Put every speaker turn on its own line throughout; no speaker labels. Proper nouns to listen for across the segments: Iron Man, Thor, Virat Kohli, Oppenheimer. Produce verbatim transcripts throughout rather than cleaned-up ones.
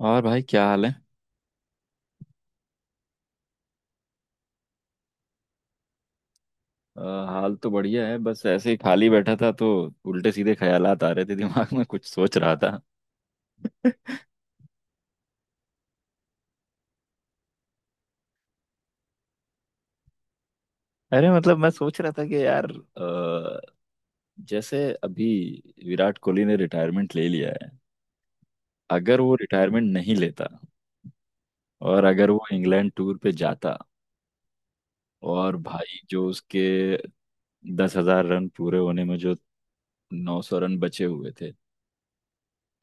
और भाई क्या हाल है? अ, हाल तो बढ़िया है, बस ऐसे ही खाली बैठा था तो उल्टे सीधे ख्यालात आ रहे थे दिमाग में, कुछ सोच रहा था। अरे मतलब मैं सोच रहा था कि यार अ, जैसे अभी विराट कोहली ने रिटायरमेंट ले लिया है। अगर वो रिटायरमेंट नहीं लेता और अगर वो इंग्लैंड टूर पे जाता, और भाई जो उसके दस हजार रन पूरे होने में जो नौ सौ रन बचे हुए थे,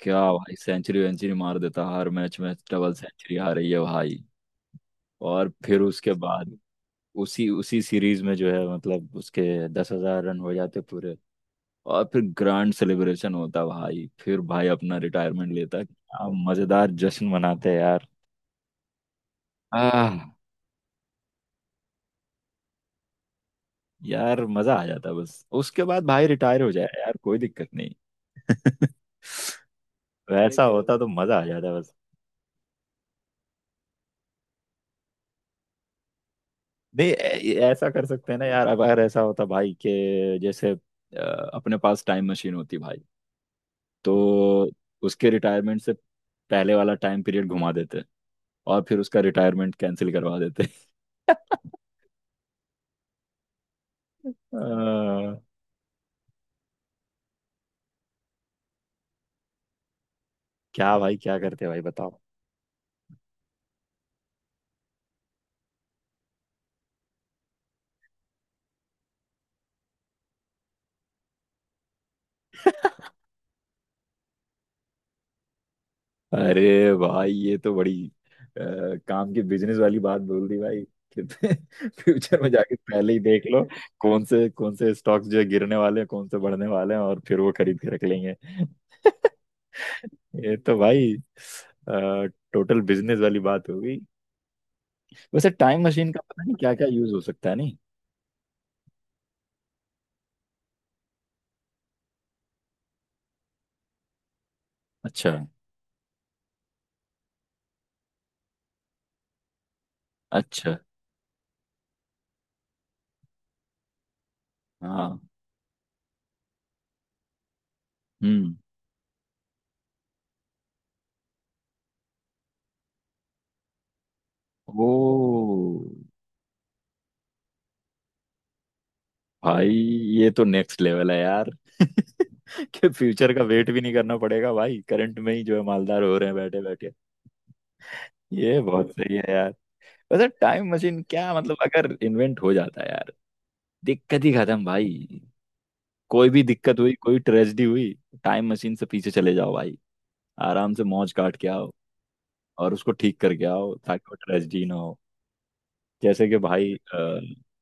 क्या भाई सेंचुरी वेंचुरी मार देता, हर मैच में डबल सेंचुरी आ रही है भाई। और फिर उसके बाद उसी उसी सीरीज में जो है मतलब उसके दस हजार रन हो जाते पूरे और फिर ग्रैंड सेलिब्रेशन होता भाई, फिर भाई अपना रिटायरमेंट लेता, क्या मजेदार जश्न मनाते हैं यार। आह, यार मजा आ जाता, बस उसके बाद भाई रिटायर हो जाए यार कोई दिक्कत नहीं। सही वैसा कह रहे होता हो तो मजा आ जाता बस। नहीं, ऐ- ऐसा कर सकते हैं ना यार, अगर ऐसा होता भाई के जैसे अ, अपने पास टाइम मशीन होती भाई तो उसके रिटायरमेंट से पहले वाला टाइम पीरियड घुमा देते और फिर उसका रिटायरमेंट कैंसिल करवा देते। अ, क्या भाई क्या करते भाई बताओ? अरे भाई ये तो बड़ी अ, काम की बिजनेस वाली बात बोल दी भाई कि फ्यूचर में जाके पहले ही देख लो कौन से कौन से स्टॉक्स जो है गिरने वाले हैं कौन से बढ़ने वाले हैं और फिर वो खरीद के रख लेंगे। ये तो भाई टोटल बिजनेस वाली बात होगी। वैसे टाइम मशीन का पता नहीं क्या क्या यूज हो सकता है नहीं। अच्छा अच्छा। हाँ। हम्म। ओ भाई, ये तो नेक्स्ट लेवल है यार कि फ्यूचर का वेट भी नहीं करना पड़ेगा भाई, करंट में ही जो है मालदार हो रहे हैं बैठे बैठे। ये बहुत सही है यार। वैसे टाइम मशीन क्या मतलब अगर इन्वेंट हो जाता है यार, दिक्कत ही खत्म भाई। कोई भी दिक्कत हुई, कोई ट्रेजेडी हुई, टाइम मशीन से पीछे चले जाओ भाई, आराम से मौज काट के आओ और उसको ठीक करके आओ ताकि वो ट्रेजेडी ना हो। जैसे कि भाई अ, हम्म,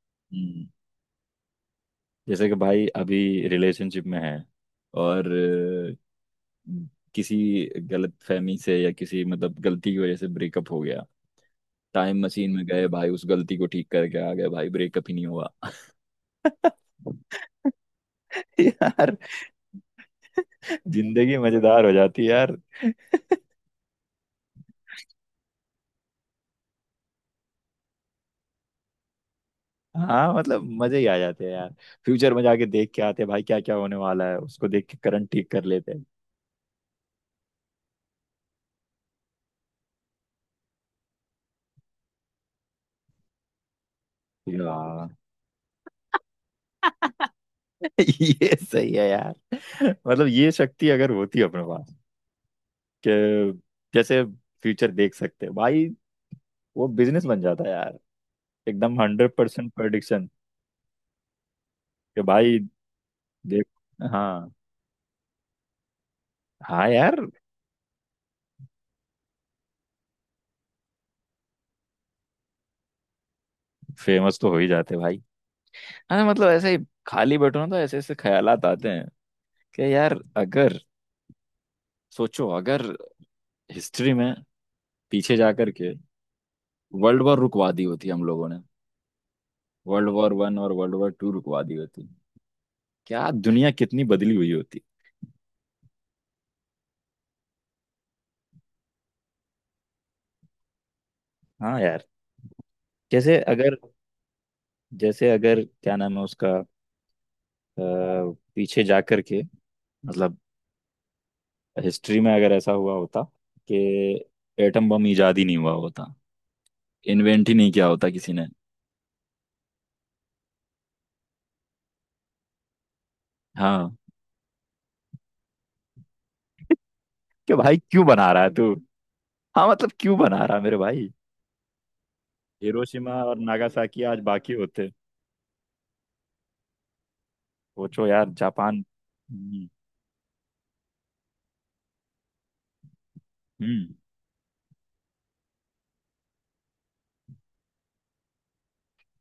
जैसे कि भाई अभी रिलेशनशिप में है और अ, किसी गलत फहमी से या किसी मतलब गलती की वजह से ब्रेकअप हो गया, टाइम मशीन में गए भाई, उस गलती को ठीक करके आ गए भाई, ब्रेकअप ही नहीं हुआ। यार जिंदगी मजेदार हो जाती है यार। हाँ मतलब मजे ही आ जाते हैं यार, फ्यूचर में जाके देख के आते हैं भाई क्या क्या होने वाला है उसको देख के करंट ठीक कर लेते हैं। यार ये सही है यार, मतलब ये शक्ति अगर होती है अपने पास कि जैसे फ्यूचर देख सकते हैं भाई, वो बिजनेस बन जाता है यार, एकदम हंड्रेड परसेंट प्रडिक्शन कि भाई देख। हाँ। हाँ यार फेमस तो हो ही जाते भाई। हाँ मतलब ऐसे ही खाली बैठो ना तो ऐसे ऐसे ख्यालात आते हैं कि यार अगर सोचो, अगर हिस्ट्री में पीछे जा करके वर्ल्ड वॉर रुकवा दी होती हम लोगों ने, वर्ल्ड वॉर वन और वर्ल्ड वॉर टू रुकवा दी होती, क्या दुनिया कितनी बदली हुई। हाँ यार, जैसे अगर जैसे अगर क्या नाम है उसका, अ, पीछे जाकर के मतलब हिस्ट्री में अगर ऐसा हुआ होता कि एटम बम इजाद ही नहीं हुआ होता, इन्वेंट ही नहीं किया होता किसी ने। हाँ कि भाई क्यों बना रहा है तू, हाँ मतलब क्यों बना रहा है मेरे भाई। हिरोशिमा और नागासाकी आज बाकी होते, सोचो यार जापान। हम्म हम्म,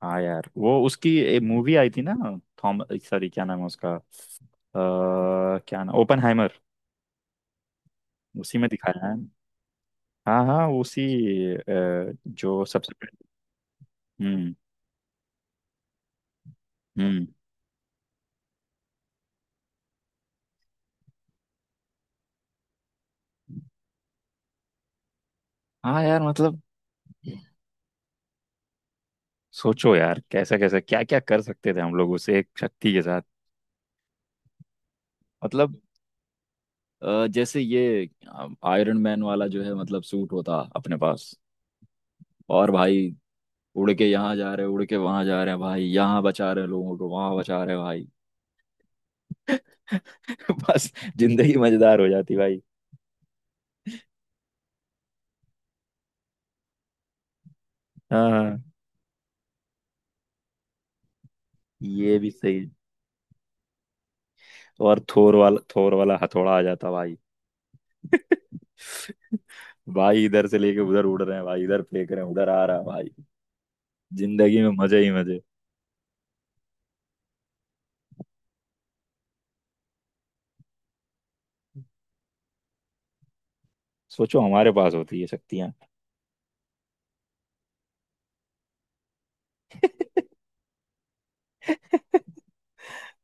हाँ यार वो उसकी एक मूवी आई थी ना, थॉम सॉरी क्या नाम है उसका, अ, क्या नाम, ओपनहाइमर। उसी में दिखाया है। हाँ हाँ उसी अ, जो सबसे पहले। हम्म हम्म। हाँ यार मतलब सोचो यार कैसा कैसा क्या क्या कर सकते थे हम लोग उस एक शक्ति के साथ। मतलब अ, जैसे ये आयरन मैन वाला जो है मतलब सूट होता अपने पास और भाई उड़ के यहाँ जा रहे, उड़ के वहां जा रहे हैं भाई, यहाँ बचा रहे हैं लोगों को, वहां बचा रहे हैं भाई। बस जिंदगी मजेदार हो जाती भाई। हाँ हाँ। ये भी सही। और थोर वाला थोर वाला हथौड़ा आ जाता भाई, भाई इधर से लेके उधर उड़ रहे हैं भाई, इधर फेंक रहे हैं उधर आ रहा है भाई, जिंदगी में मजे ही मजे। सोचो हमारे पास होती है शक्तियां।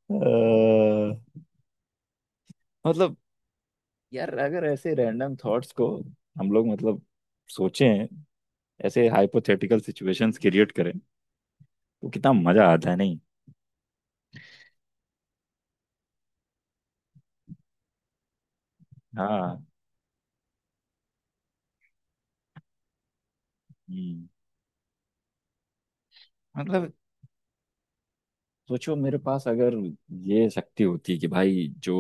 अ, मतलब यार अगर ऐसे रैंडम थॉट्स को हम लोग मतलब सोचें, ऐसे हाइपोथेटिकल सिचुएशंस क्रिएट करें तो कितना मजा आता है नहीं। हाँ हम्म, मतलब सोचो मेरे पास अगर ये शक्ति होती कि भाई जो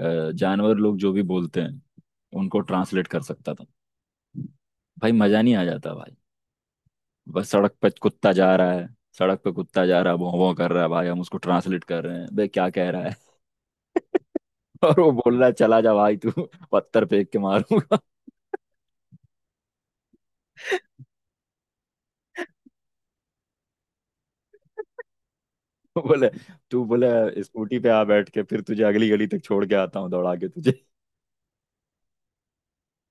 अ, जानवर लोग जो भी बोलते हैं उनको ट्रांसलेट कर सकता था, भाई मजा नहीं आ जाता भाई। बस सड़क पे कुत्ता जा रहा है, सड़क पे कुत्ता जा रहा है भौं भौं कर रहा है, भाई हम उसको ट्रांसलेट कर रहे हैं बे क्या कह रहा है। और वो बोल रहा है चला जा भाई तू, पत्थर फेंक के मारूंगा। वो बोले, तू बोले स्कूटी पे आ बैठ के फिर तुझे अगली गली तक छोड़ के आता हूँ, दौड़ा के तुझे।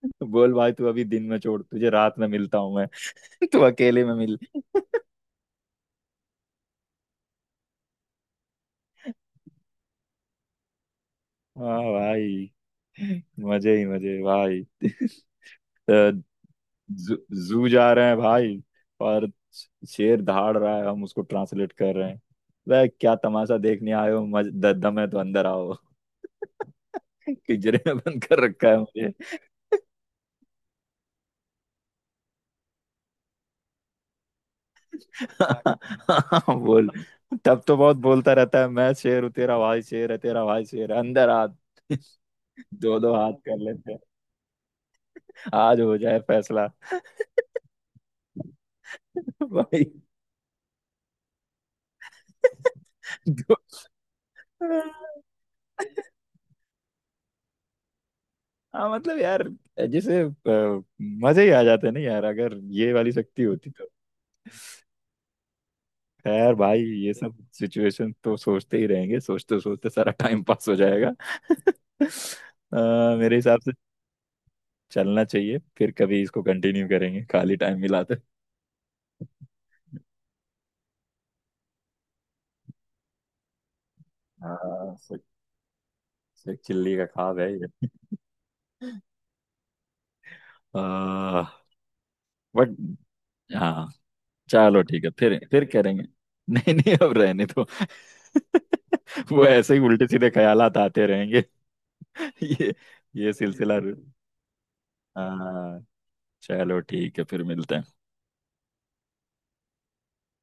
बोल भाई तू अभी दिन में छोड़, तुझे रात में मिलता हूँ मैं। तू अकेले में मिल। हाँ भाई मजे ही मजे भाई। तो जू जू जा रहे हैं भाई और शेर दहाड़ रहा है, हम उसको ट्रांसलेट कर रहे हैं, वह क्या तमाशा देखने आए हो, मज द- दम है तो अंदर आओ। पिंजरे में बंद कर रखा है मुझे। बोल, तब तो बहुत बोलता रहता है मैं शेर हूँ तेरा, भाई शेर है तेरा, भाई शेर है, अंदर आ। दो दो हाथ कर लेते हैं, आज हो जाए फैसला। भाई हाँ मतलब यार जैसे अ, मजे ही आ जाते हैं ना यार अगर ये वाली शक्ति होती तो। खैर भाई ये सब सिचुएशन तो सोचते ही रहेंगे, सोचते सोचते सारा टाइम पास हो जाएगा। अ, मेरे हिसाब से चलना चाहिए, फिर कभी इसको कंटिन्यू करेंगे खाली टाइम मिला तो। हाँ, सिर्फ- सिर्फ चिल्ली का ख्वाब है ये। आ, बट हाँ चलो ठीक है फिर फिर करेंगे। नहीं नहीं अब रहने दो। वो ऐसे ही उल्टे सीधे ख्यालात आते रहेंगे। ये ये सिलसिला। हाँ चलो ठीक है फिर मिलते हैं।